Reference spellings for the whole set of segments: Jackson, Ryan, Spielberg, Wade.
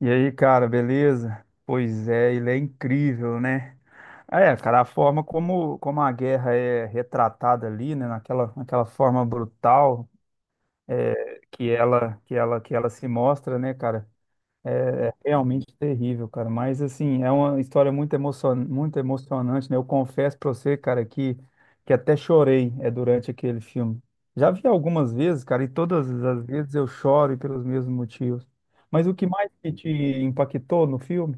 E aí, cara, beleza? Pois é, ele é incrível, né? É, cara, a forma como a guerra é retratada ali, né, naquela forma brutal que ela se mostra, né, cara? É realmente terrível, cara. Mas, assim, é uma história muito emocionante, né? Eu confesso pra você, cara, que até chorei durante aquele filme. Já vi algumas vezes, cara, e todas as vezes eu choro e pelos mesmos motivos. Mas o que mais que te impactou no filme?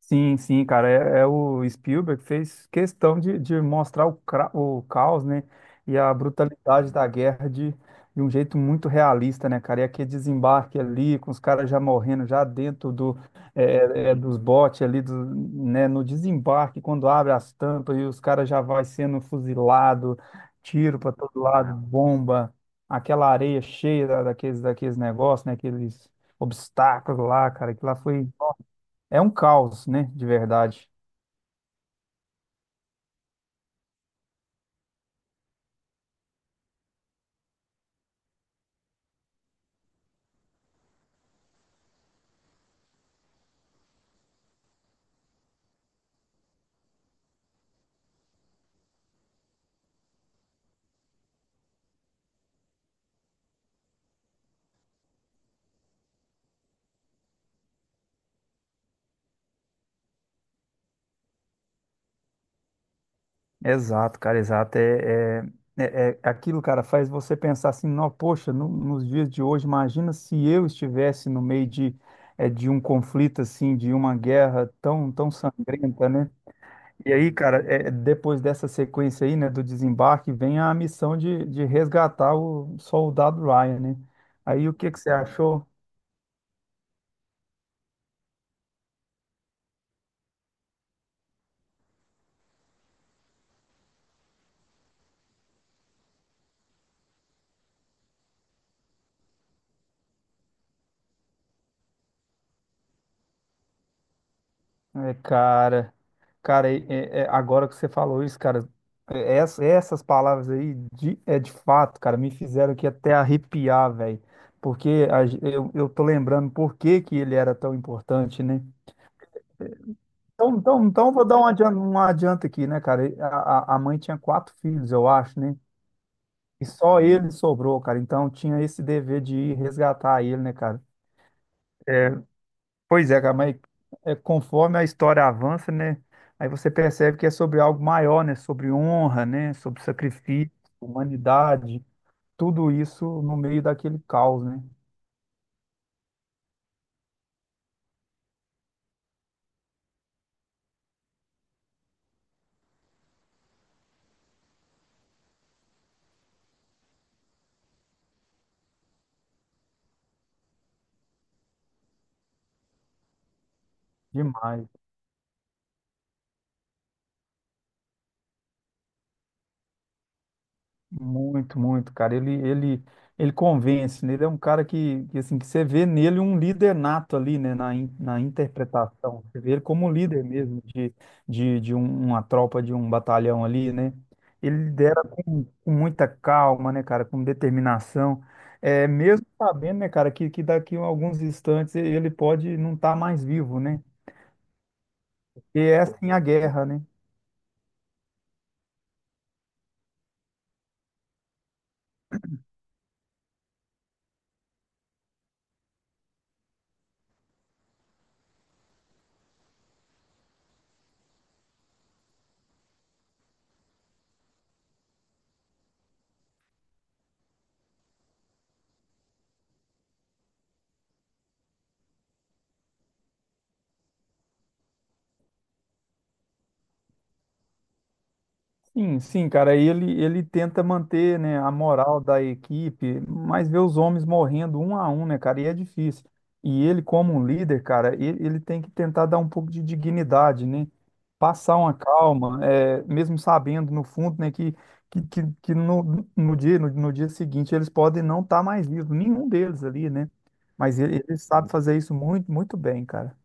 Sim, sim, cara, é o Spielberg fez questão de mostrar o caos, né, e a brutalidade da guerra de um jeito muito realista, né, cara, e aquele desembarque ali, com os caras já morrendo, já dentro dos botes ali, né, no desembarque, quando abre as tampas e os caras já vai sendo fuzilado, tiro para todo lado, bomba, aquela areia cheia daqueles negócios, né, aqueles obstáculos lá, cara, que lá foi é um caos, né? De verdade. Exato, cara, exato. Aquilo, cara, faz você pensar assim, não, poxa, nos dias de hoje, imagina se eu estivesse no meio de, de um conflito assim, de uma guerra tão sangrenta, né? E aí, cara, é, depois dessa sequência aí, né, do desembarque, vem a missão de resgatar o soldado Ryan, né? Aí, o que que você achou? É, cara, cara, agora que você falou isso, cara, essas palavras aí, de, é de fato, cara, me fizeram aqui até arrepiar, velho, porque eu tô lembrando por que que ele era tão importante, né? Então eu vou dar um adianto aqui, né, cara? E A, a mãe tinha 4 filhos, eu acho, né? E só ele sobrou, cara, então tinha esse dever de ir resgatar ele, né, cara? Pois é, cara, mas conforme a história avança, né? Aí você percebe que é sobre algo maior, né? Sobre honra, né? Sobre sacrifício, humanidade, tudo isso no meio daquele caos, né? Demais. Muito, muito, cara. Ele convence, né? Ele é um cara assim, que você vê nele um líder nato ali, né? Na interpretação. Você vê ele como líder mesmo de, de uma tropa, de um batalhão ali, né? Ele lidera com muita calma, né, cara? Com determinação. É, mesmo sabendo, né, cara, que daqui a alguns instantes ele pode não estar mais vivo, né? E é assim a guerra, né? Sim, sim, cara. Aí Ele tenta manter, né, a moral da equipe, mas vê os homens morrendo um a um, né, cara? E é difícil. E ele, como um líder, cara, ele tem que tentar dar um pouco de dignidade, né? Passar uma calma, é, mesmo sabendo no fundo, né, que no dia, no dia seguinte eles podem não estar mais vivos, nenhum deles ali, né? Mas ele sabe fazer isso muito, muito bem, cara.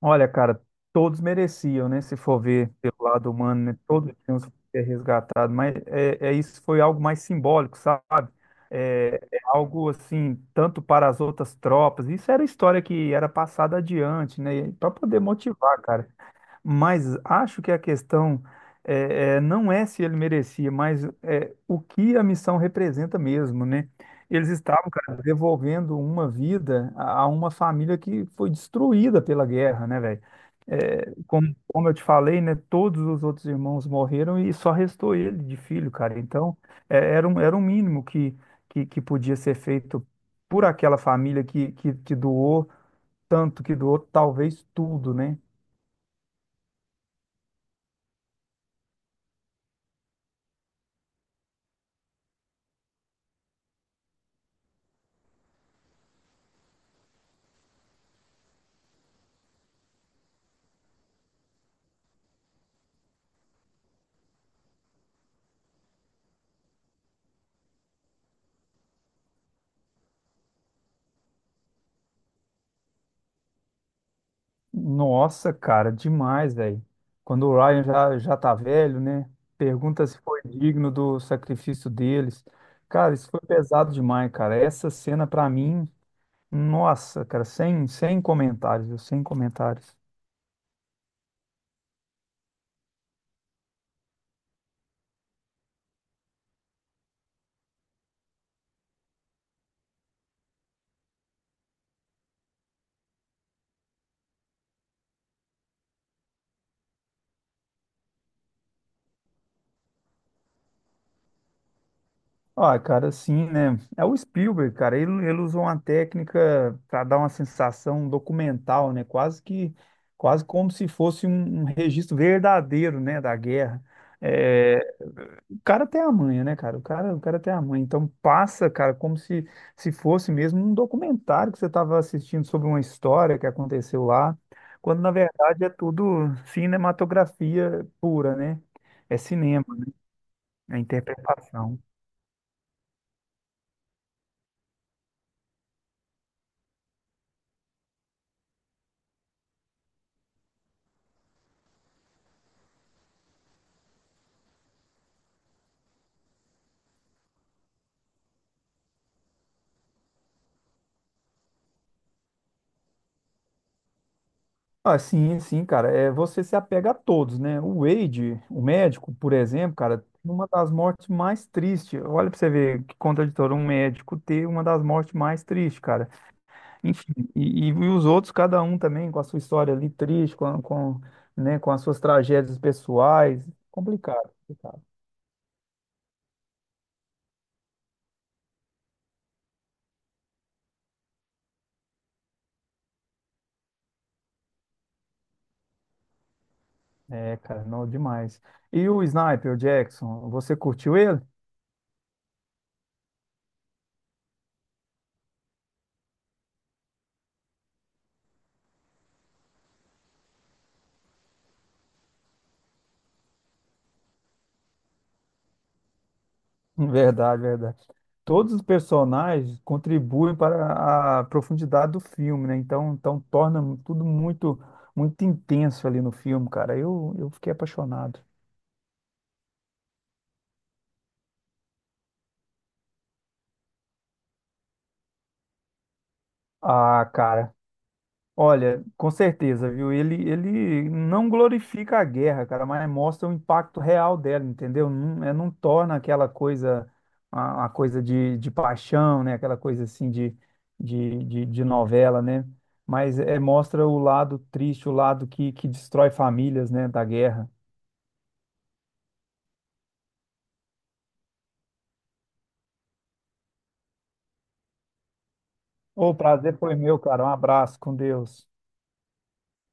Olha, cara, todos mereciam, né? Se for ver pelo lado humano, né? Todos tinham que ser resgatados, mas é isso foi algo mais simbólico, sabe? É algo assim, tanto para as outras tropas. Isso era história que era passada adiante, né? Para poder motivar, cara. Mas acho que a questão não é se ele merecia, mas é, o que a missão representa mesmo, né? Eles estavam, cara, devolvendo uma vida a uma família que foi destruída pela guerra, né, velho? É, como eu te falei, né, todos os outros irmãos morreram e só restou ele de filho, cara. Então, é, era um mínimo que podia ser feito por aquela família que doou tanto, que doou talvez tudo, né? Nossa, cara, demais, velho. Quando o Ryan já tá velho, né? Pergunta se foi digno do sacrifício deles. Cara, isso foi pesado demais, cara. Essa cena pra mim, nossa, cara, sem comentários, viu? Sem comentários. Ah, cara, sim, né? É o Spielberg, cara. Ele usou uma técnica para dar uma sensação documental, né? Quase que, quase como se fosse um, um registro verdadeiro, né, da guerra. É, o cara tem a manha, né, cara? O cara, o cara tem a manha. Então passa, cara, como se fosse mesmo um documentário que você estava assistindo sobre uma história que aconteceu lá, quando na verdade é tudo cinematografia pura, né? É cinema, é interpretação. Ah, sim, sim, cara. É, você se apega a todos, né? O Wade, o médico, por exemplo, cara, uma das mortes mais tristes. Olha pra você ver que contraditório um médico ter uma das mortes mais tristes, cara. Enfim, e os outros, cada um também com a sua história ali triste, né, com as suas tragédias pessoais. Complicado, complicado. É, cara, não demais. E o Sniper, o Jackson, você curtiu ele? Verdade, verdade. Todos os personagens contribuem para a profundidade do filme, né? Então torna tudo muito, muito intenso ali no filme, cara. Eu fiquei apaixonado. Ah, cara. Olha, com certeza, viu? Ele não glorifica a guerra, cara, mas mostra o impacto real dela, entendeu? Não, é, não torna aquela coisa, uma coisa de paixão, né? Aquela coisa assim de, de novela, né? Mas é, mostra o lado triste, o lado que destrói famílias, né? Da guerra. O prazer foi meu, cara. Um abraço, com Deus.